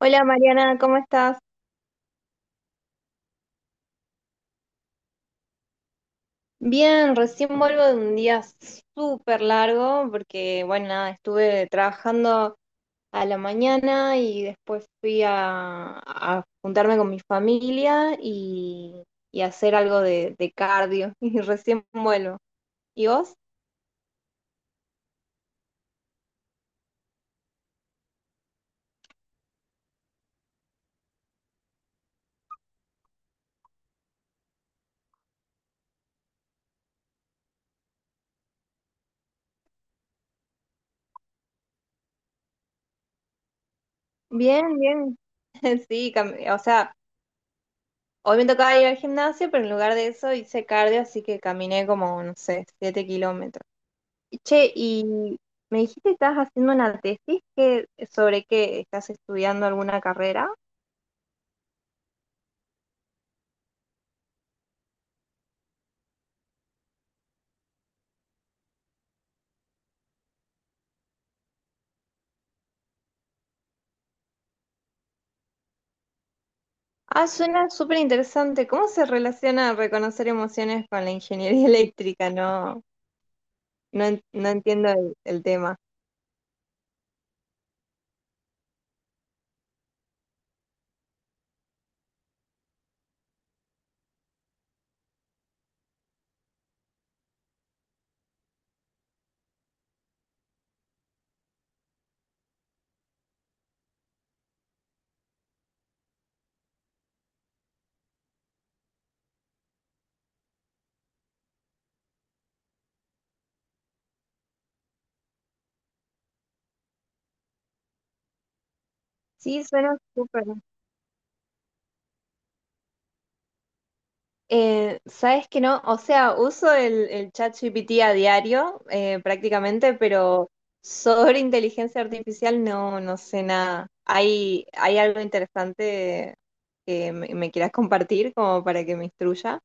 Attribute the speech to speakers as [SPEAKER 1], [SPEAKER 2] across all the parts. [SPEAKER 1] Hola Mariana, ¿cómo estás? Bien, recién vuelvo de un día súper largo porque, bueno, nada, estuve trabajando a la mañana y después fui a juntarme con mi familia y hacer algo de cardio y recién vuelvo. ¿Y vos? Bien, bien. Sí, o sea, hoy me tocaba ir al gimnasio, pero en lugar de eso hice cardio, así que caminé como, no sé, 7 kilómetros. Che, y me dijiste que estás haciendo una tesis que, sobre qué estás estudiando alguna carrera. Ah, suena súper interesante. ¿Cómo se relaciona reconocer emociones con la ingeniería eléctrica? No, no, no entiendo el, tema. Sí, suena súper. ¿Sabes que no? O sea, uso el ChatGPT a diario, prácticamente, pero sobre inteligencia artificial no, no sé nada. ¿Hay algo interesante que me quieras compartir como para que me instruya?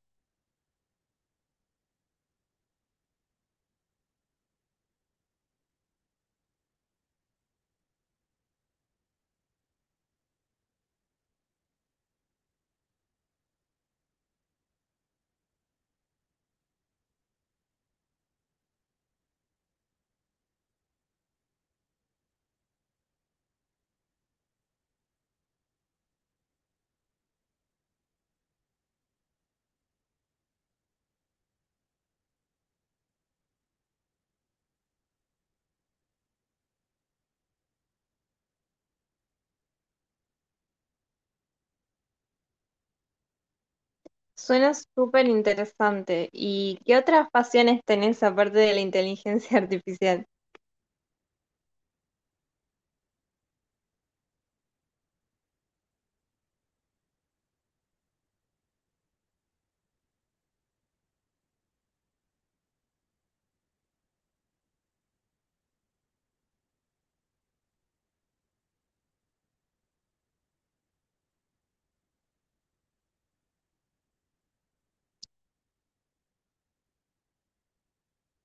[SPEAKER 1] Suena súper interesante. ¿Y qué otras pasiones tenés aparte de la inteligencia artificial?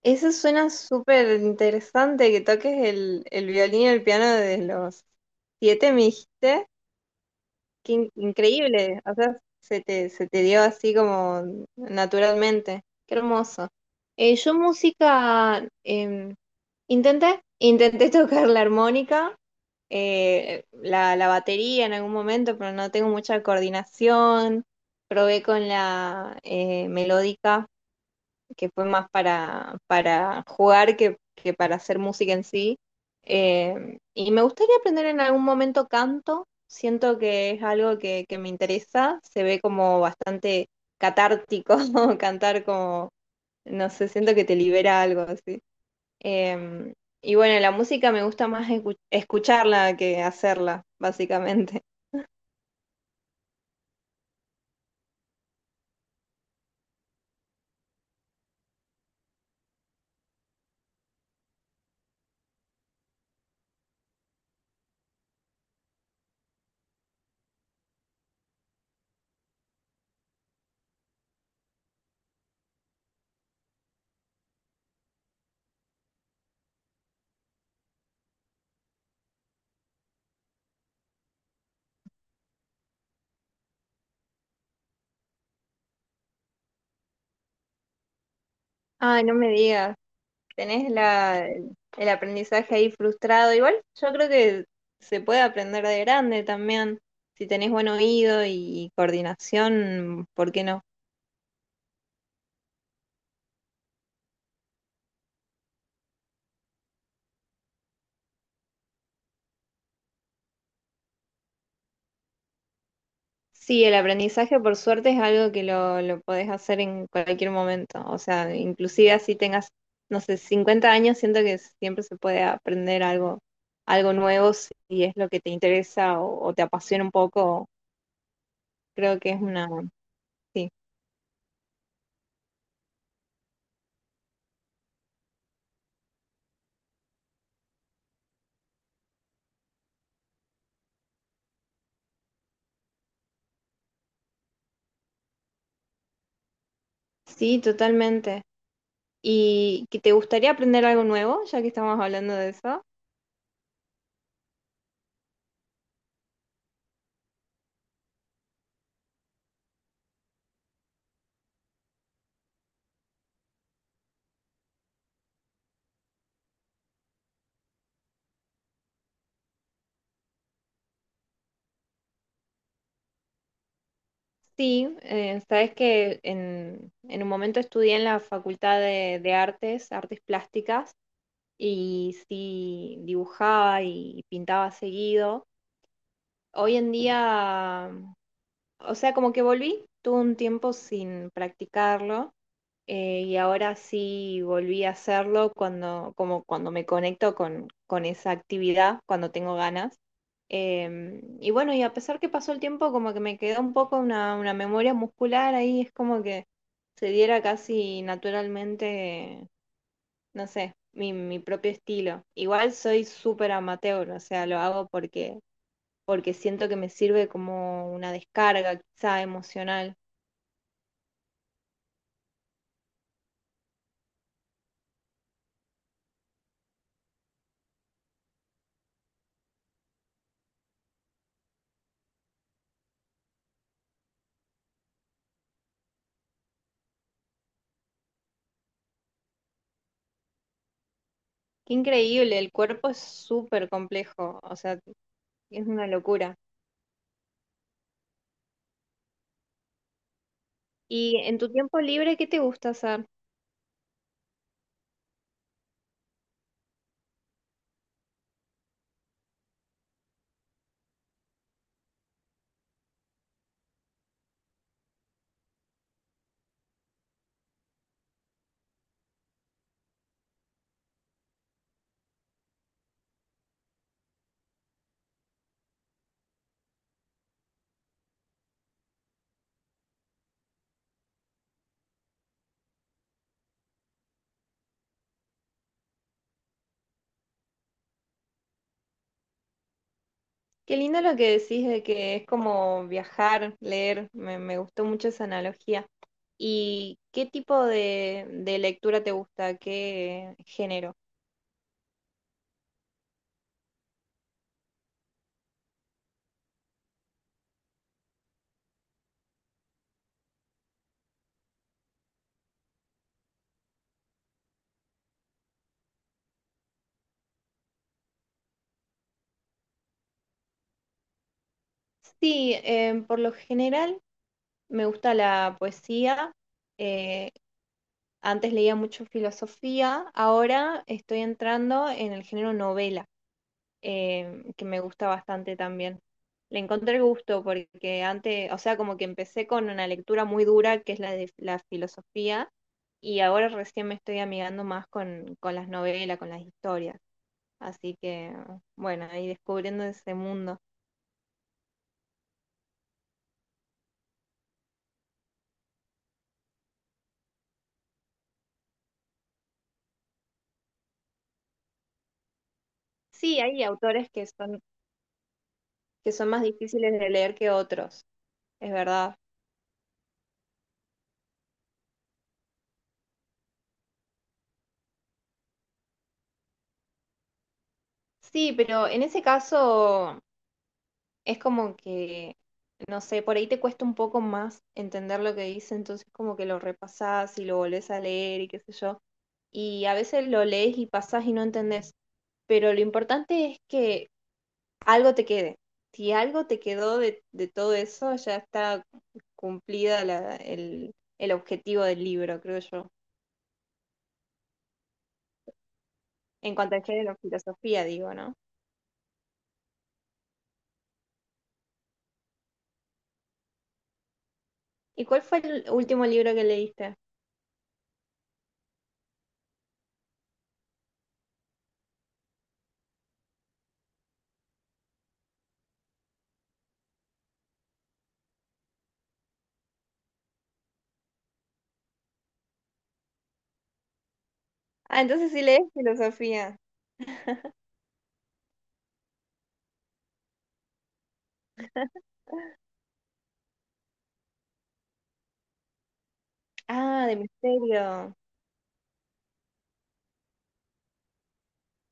[SPEAKER 1] Eso suena súper interesante, que toques el, violín y el piano desde los 7, me dijiste. Qué increíble, o sea, se te, dio así como naturalmente. Qué hermoso. Yo música, intenté, tocar la armónica, la batería en algún momento, pero no tengo mucha coordinación. Probé con la melódica, que fue más para, jugar que para hacer música en sí. Y me gustaría aprender en algún momento canto, siento que es algo que me interesa, se ve como bastante catártico cantar como, no sé, siento que te libera algo así. Eh, y bueno, la música me gusta más escucharla que hacerla, básicamente. Ay, no me digas. Tenés el aprendizaje ahí frustrado. Igual yo creo que se puede aprender de grande también. Si tenés buen oído y coordinación, ¿por qué no? Sí, el aprendizaje por suerte es algo que lo, podés hacer en cualquier momento. O sea, inclusive así tengas, no sé, 50 años, siento que siempre se puede aprender algo, algo nuevo si es lo que te interesa o te apasiona un poco. Creo que es una. Sí, sí, totalmente. ¿Y que te gustaría aprender algo nuevo, ya que estamos hablando de eso? Sí, sabes que en, un momento estudié en la Facultad de, Artes Plásticas, y sí dibujaba y pintaba seguido. Hoy en día, o sea, como que volví, tuve un tiempo sin practicarlo y ahora sí volví a hacerlo cuando, como cuando me conecto con, esa actividad, cuando tengo ganas. Y bueno, y a pesar que pasó el tiempo, como que me quedó un poco una, memoria muscular ahí, es como que se diera casi naturalmente, no sé, mi, propio estilo. Igual soy súper amateur, o sea, lo hago porque siento que me sirve como una descarga quizá emocional. Qué increíble, el cuerpo es súper complejo, o sea, es una locura. Y en tu tiempo libre, ¿qué te gusta hacer? Qué lindo lo que decís de que es como viajar, leer. me, gustó mucho esa analogía. ¿Y qué tipo de lectura te gusta? ¿Qué género? Sí, por lo general me gusta la poesía. Eh, antes leía mucho filosofía. Ahora estoy entrando en el género novela. Que me gusta bastante también. Le encontré gusto porque antes, o sea, como que empecé con una lectura muy dura, que es la de la filosofía, y ahora recién me estoy amigando más con, las novelas, con las historias. Así que, bueno, ahí descubriendo ese mundo. Sí, hay autores que son más difíciles de leer que otros, es verdad. Sí, pero en ese caso es como que, no sé, por ahí te cuesta un poco más entender lo que dice, entonces como que lo repasás y lo volvés a leer y qué sé yo. Y a veces lo lees y pasás y no entendés, pero lo importante es que algo te quede. Si algo te quedó de, todo eso, ya está cumplida el objetivo del libro, creo yo. En cuanto al género, filosofía, digo, ¿no? ¿Y cuál fue el último libro que leíste? Ah, entonces sí lees filosofía. Ah, de misterio.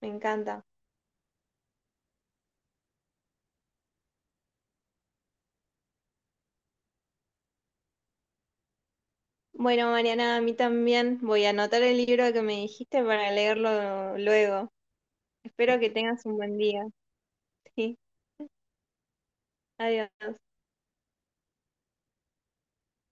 [SPEAKER 1] Me encanta. Bueno, Mariana, a mí también voy a anotar el libro que me dijiste para leerlo luego. Espero que tengas un buen día. Sí, adiós.